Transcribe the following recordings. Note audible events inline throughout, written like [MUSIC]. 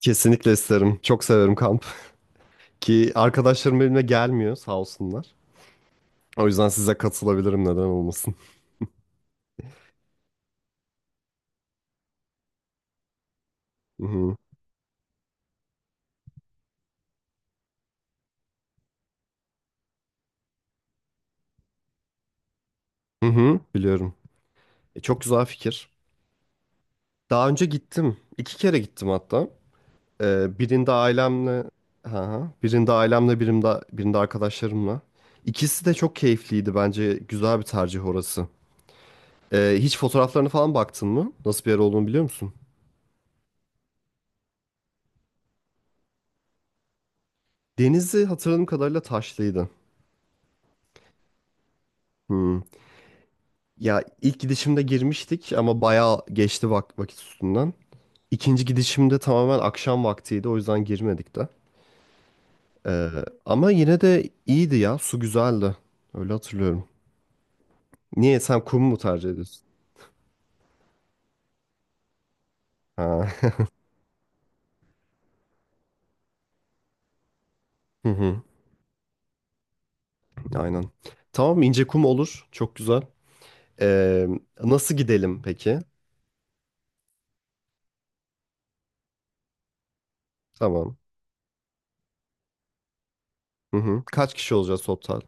Kesinlikle isterim. Çok severim kamp. Ki arkadaşlarım benimle gelmiyor sağ olsunlar. O yüzden size katılabilirim, neden olmasın. Hı hı. Hı hı, biliyorum. Çok güzel fikir. Daha önce gittim. İki kere gittim hatta. Birinde ailemle ha. birinde ailemle, birinde arkadaşlarımla. İkisi de çok keyifliydi bence. Güzel bir tercih orası. Hiç fotoğraflarına falan baktın mı? Nasıl bir yer olduğunu biliyor musun? Denizi hatırladığım kadarıyla taşlıydı. Hı. Ya ilk gidişimde girmiştik ama bayağı geçti vakit üstünden. İkinci gidişimde tamamen akşam vaktiydi, o yüzden girmedik de. Ee, Ama yine de iyiydi ya, su güzeldi. Öyle hatırlıyorum. Niye, sen kum mu tercih ediyorsun? Ha. [LAUGHS] Hı hı, aynen. Tamam, ince kum olur. Çok güzel. Ee, Nasıl gidelim peki? Tamam. Hı hı. Kaç kişi olacağız total?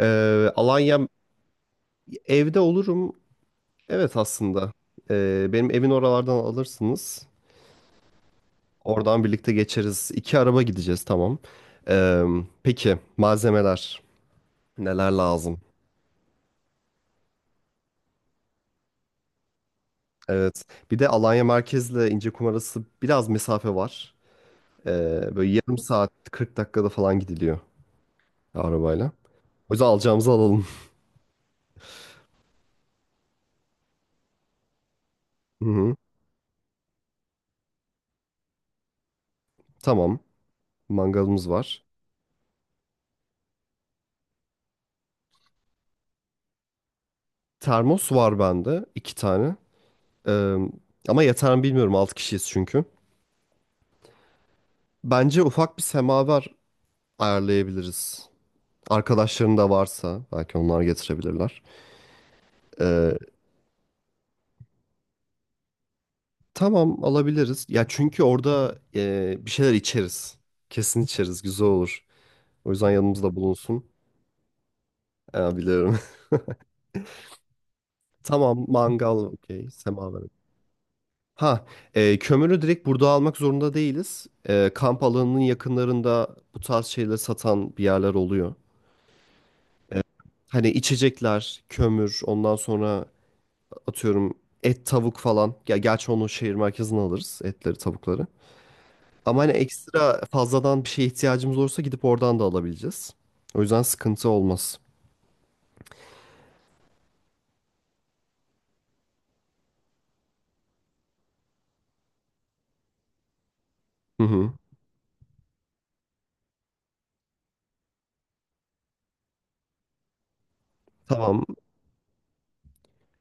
Alanya, evde olurum. Evet aslında. Benim evin oralardan alırsınız. Oradan birlikte geçeriz. İki araba gideceğiz, tamam. Ee, peki malzemeler neler lazım? Evet. Bir de Alanya merkezle İncekum arası biraz mesafe var. Böyle yarım saat 40 dakikada falan gidiliyor arabayla. O yüzden alacağımızı alalım. [LAUGHS] Hı hı. Tamam. Mangalımız var. Termos var bende, iki tane. Ee, Ama yeter mi bilmiyorum. Altı kişiyiz çünkü. Bence ufak bir semaver ayarlayabiliriz. Arkadaşların da varsa belki onlar getirebilirler. Ee, tamam, alabiliriz. Ya çünkü orada bir şeyler içeriz. Kesin içeriz. Güzel olur. O yüzden yanımızda bulunsun. Biliyorum. [LAUGHS] Tamam, mangal okey. Semaver. Ha, kömürü direkt burada almak zorunda değiliz. E, kamp alanının yakınlarında bu tarz şeyleri satan bir yerler oluyor. Hani içecekler, kömür, ondan sonra atıyorum et, tavuk falan. Ya gerçi onu şehir merkezine alırız, etleri, tavukları. Ama hani ekstra fazladan bir şeye ihtiyacımız olursa gidip oradan da alabileceğiz. O yüzden sıkıntı olmaz. Hı hı. Tamam.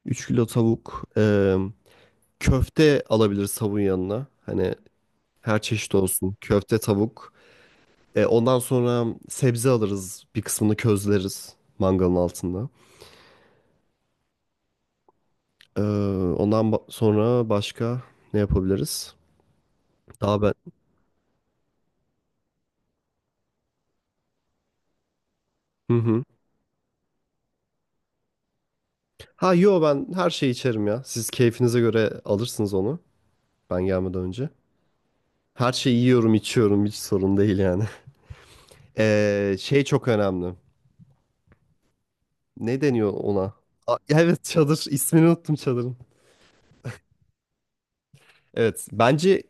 3 kilo tavuk. Köfte alabiliriz tavuğun yanına. Hani her çeşit olsun. Köfte, tavuk. Ondan sonra sebze alırız. Bir kısmını közleriz mangalın altında. Ee, Sonra başka ne yapabiliriz? Daha ben... Hı hı. Ha yo, ben her şeyi içerim ya. Siz keyfinize göre alırsınız onu. Ben gelmeden önce. Her şeyi yiyorum, içiyorum. Hiç sorun değil yani. [LAUGHS] Şey çok önemli. Ne deniyor ona? Aa, [LAUGHS] evet, çadır. İsmini unuttum çadırın. Evet. Bence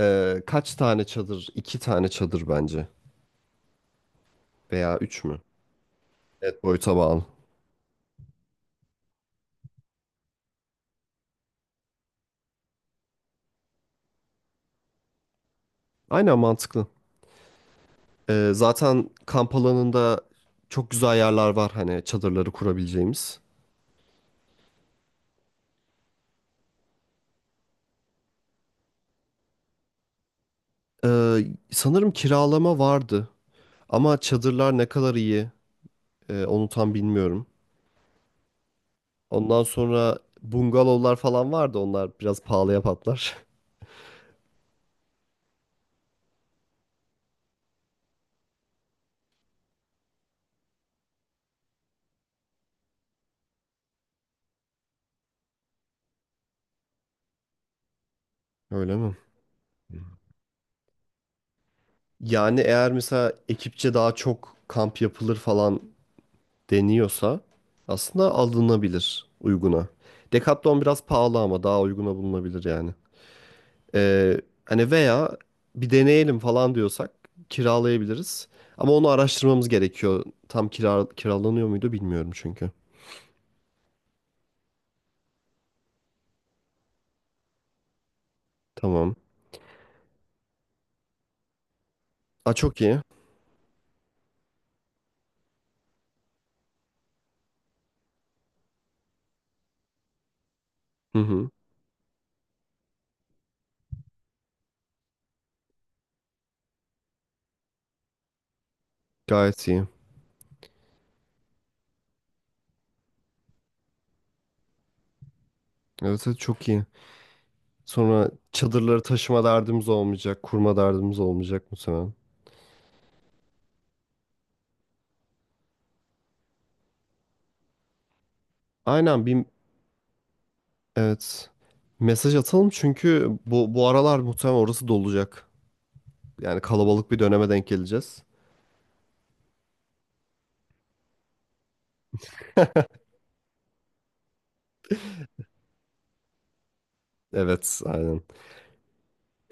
kaç tane çadır? İki tane çadır bence. Veya üç mü? Evet, boyuta bağlı. Aynen, mantıklı. Zaten kamp alanında çok güzel yerler var. Hani çadırları kurabileceğimiz. Ee, Sanırım kiralama vardı. Ama çadırlar ne kadar iyi, onu tam bilmiyorum. Ondan sonra bungalovlar falan vardı. Onlar biraz pahalıya patlar. [LAUGHS] Öyle mi? Yani eğer mesela ekipçe daha çok kamp yapılır falan deniyorsa aslında alınabilir uyguna. Decathlon biraz pahalı ama daha uyguna bulunabilir yani. Hani veya bir deneyelim falan diyorsak kiralayabiliriz. Ama onu araştırmamız gerekiyor. Tam kiralanıyor muydu bilmiyorum çünkü. Tamam. Aa, çok iyi. Hı hı. Gayet iyi. Evet, evet çok iyi. Sonra çadırları taşıma derdimiz olmayacak, kurma derdimiz olmayacak muhtemelen. Aynen, bir, evet, mesaj atalım çünkü bu aralar muhtemelen orası dolacak. Yani kalabalık bir döneme denk geleceğiz. Evet, aynen.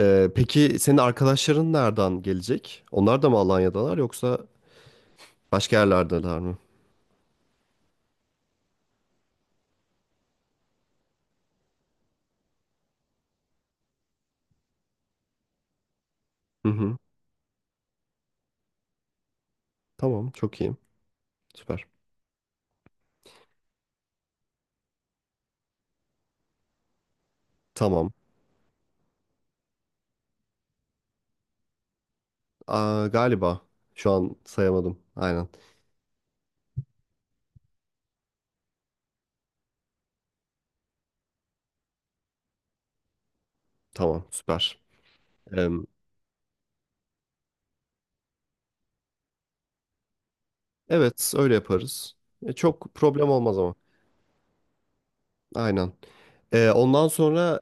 Peki senin arkadaşların nereden gelecek? Onlar da mı Alanya'dalar yoksa başka yerlerdeler mi? Hı hı. Tamam, çok iyi. Süper. Tamam. Aa, galiba şu an sayamadım. Aynen. Tamam, süper. Evet, öyle yaparız. E, çok problem olmaz ama. Aynen. Ondan sonra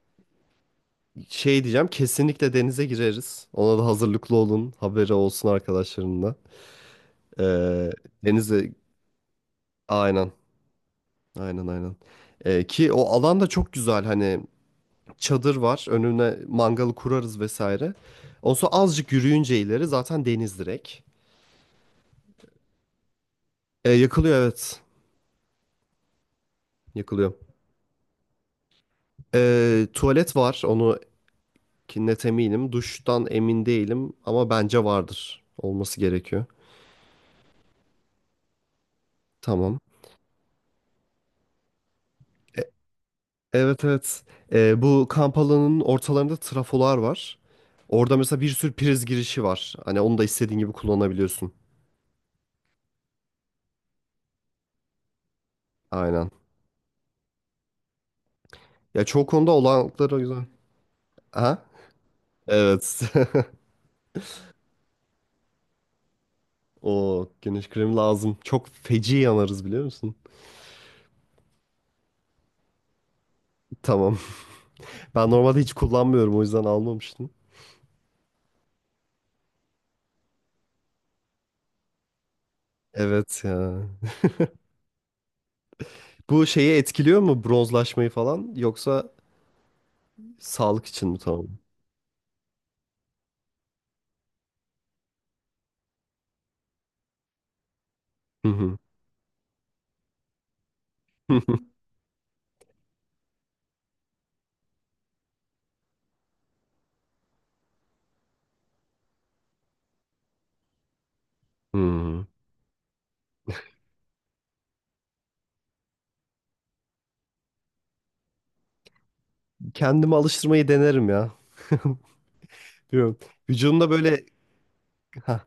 şey diyeceğim, kesinlikle denize gireriz. Ona da hazırlıklı olun, haberi olsun arkadaşlarının da. E, denize, aynen, aynen, aynen. Ki o alan da çok güzel, hani çadır var, önüne mangalı kurarız vesaire. Ondan sonra azıcık yürüyünce ileri zaten deniz direkt. E, yakılıyor, evet, yakılıyor. E, tuvalet var, onu ki net eminim. Duştan emin değilim ama bence vardır. Olması gerekiyor. Tamam. Evet, evet. Bu kamp alanının ortalarında trafolar var. Orada mesela bir sürü priz girişi var. Hani onu da istediğin gibi kullanabiliyorsun. Aynen. Ya çoğu konuda olanakları güzel. Aha. Evet. [LAUGHS] O güneş kremi lazım. Çok feci yanarız, biliyor musun? Tamam. [LAUGHS] Ben normalde hiç kullanmıyorum, o yüzden almamıştım. Evet ya. Bu şeyi etkiliyor mu bronzlaşmayı falan, yoksa sağlık için mi, tamam? Hı hı. [LAUGHS] Hmm. Kendimi alıştırmayı denerim ya. [LAUGHS] Bilmiyorum. Vücudumda böyle, ha,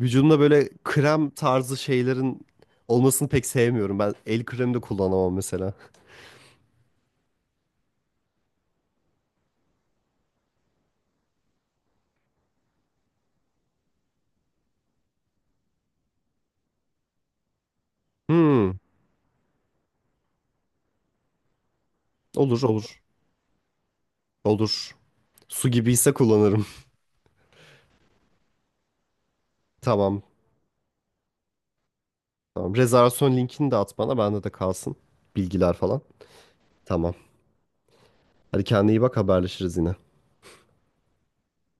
vücudumda böyle krem tarzı şeylerin olmasını pek sevmiyorum. Ben el kremi de kullanamam mesela. Hmm. Olur, olur. Olur. Su gibiyse kullanırım. [LAUGHS] Tamam. Tamam. Rezervasyon linkini de at bana. Bende de kalsın. Bilgiler falan. Tamam. Hadi kendine iyi bak, haberleşiriz yine.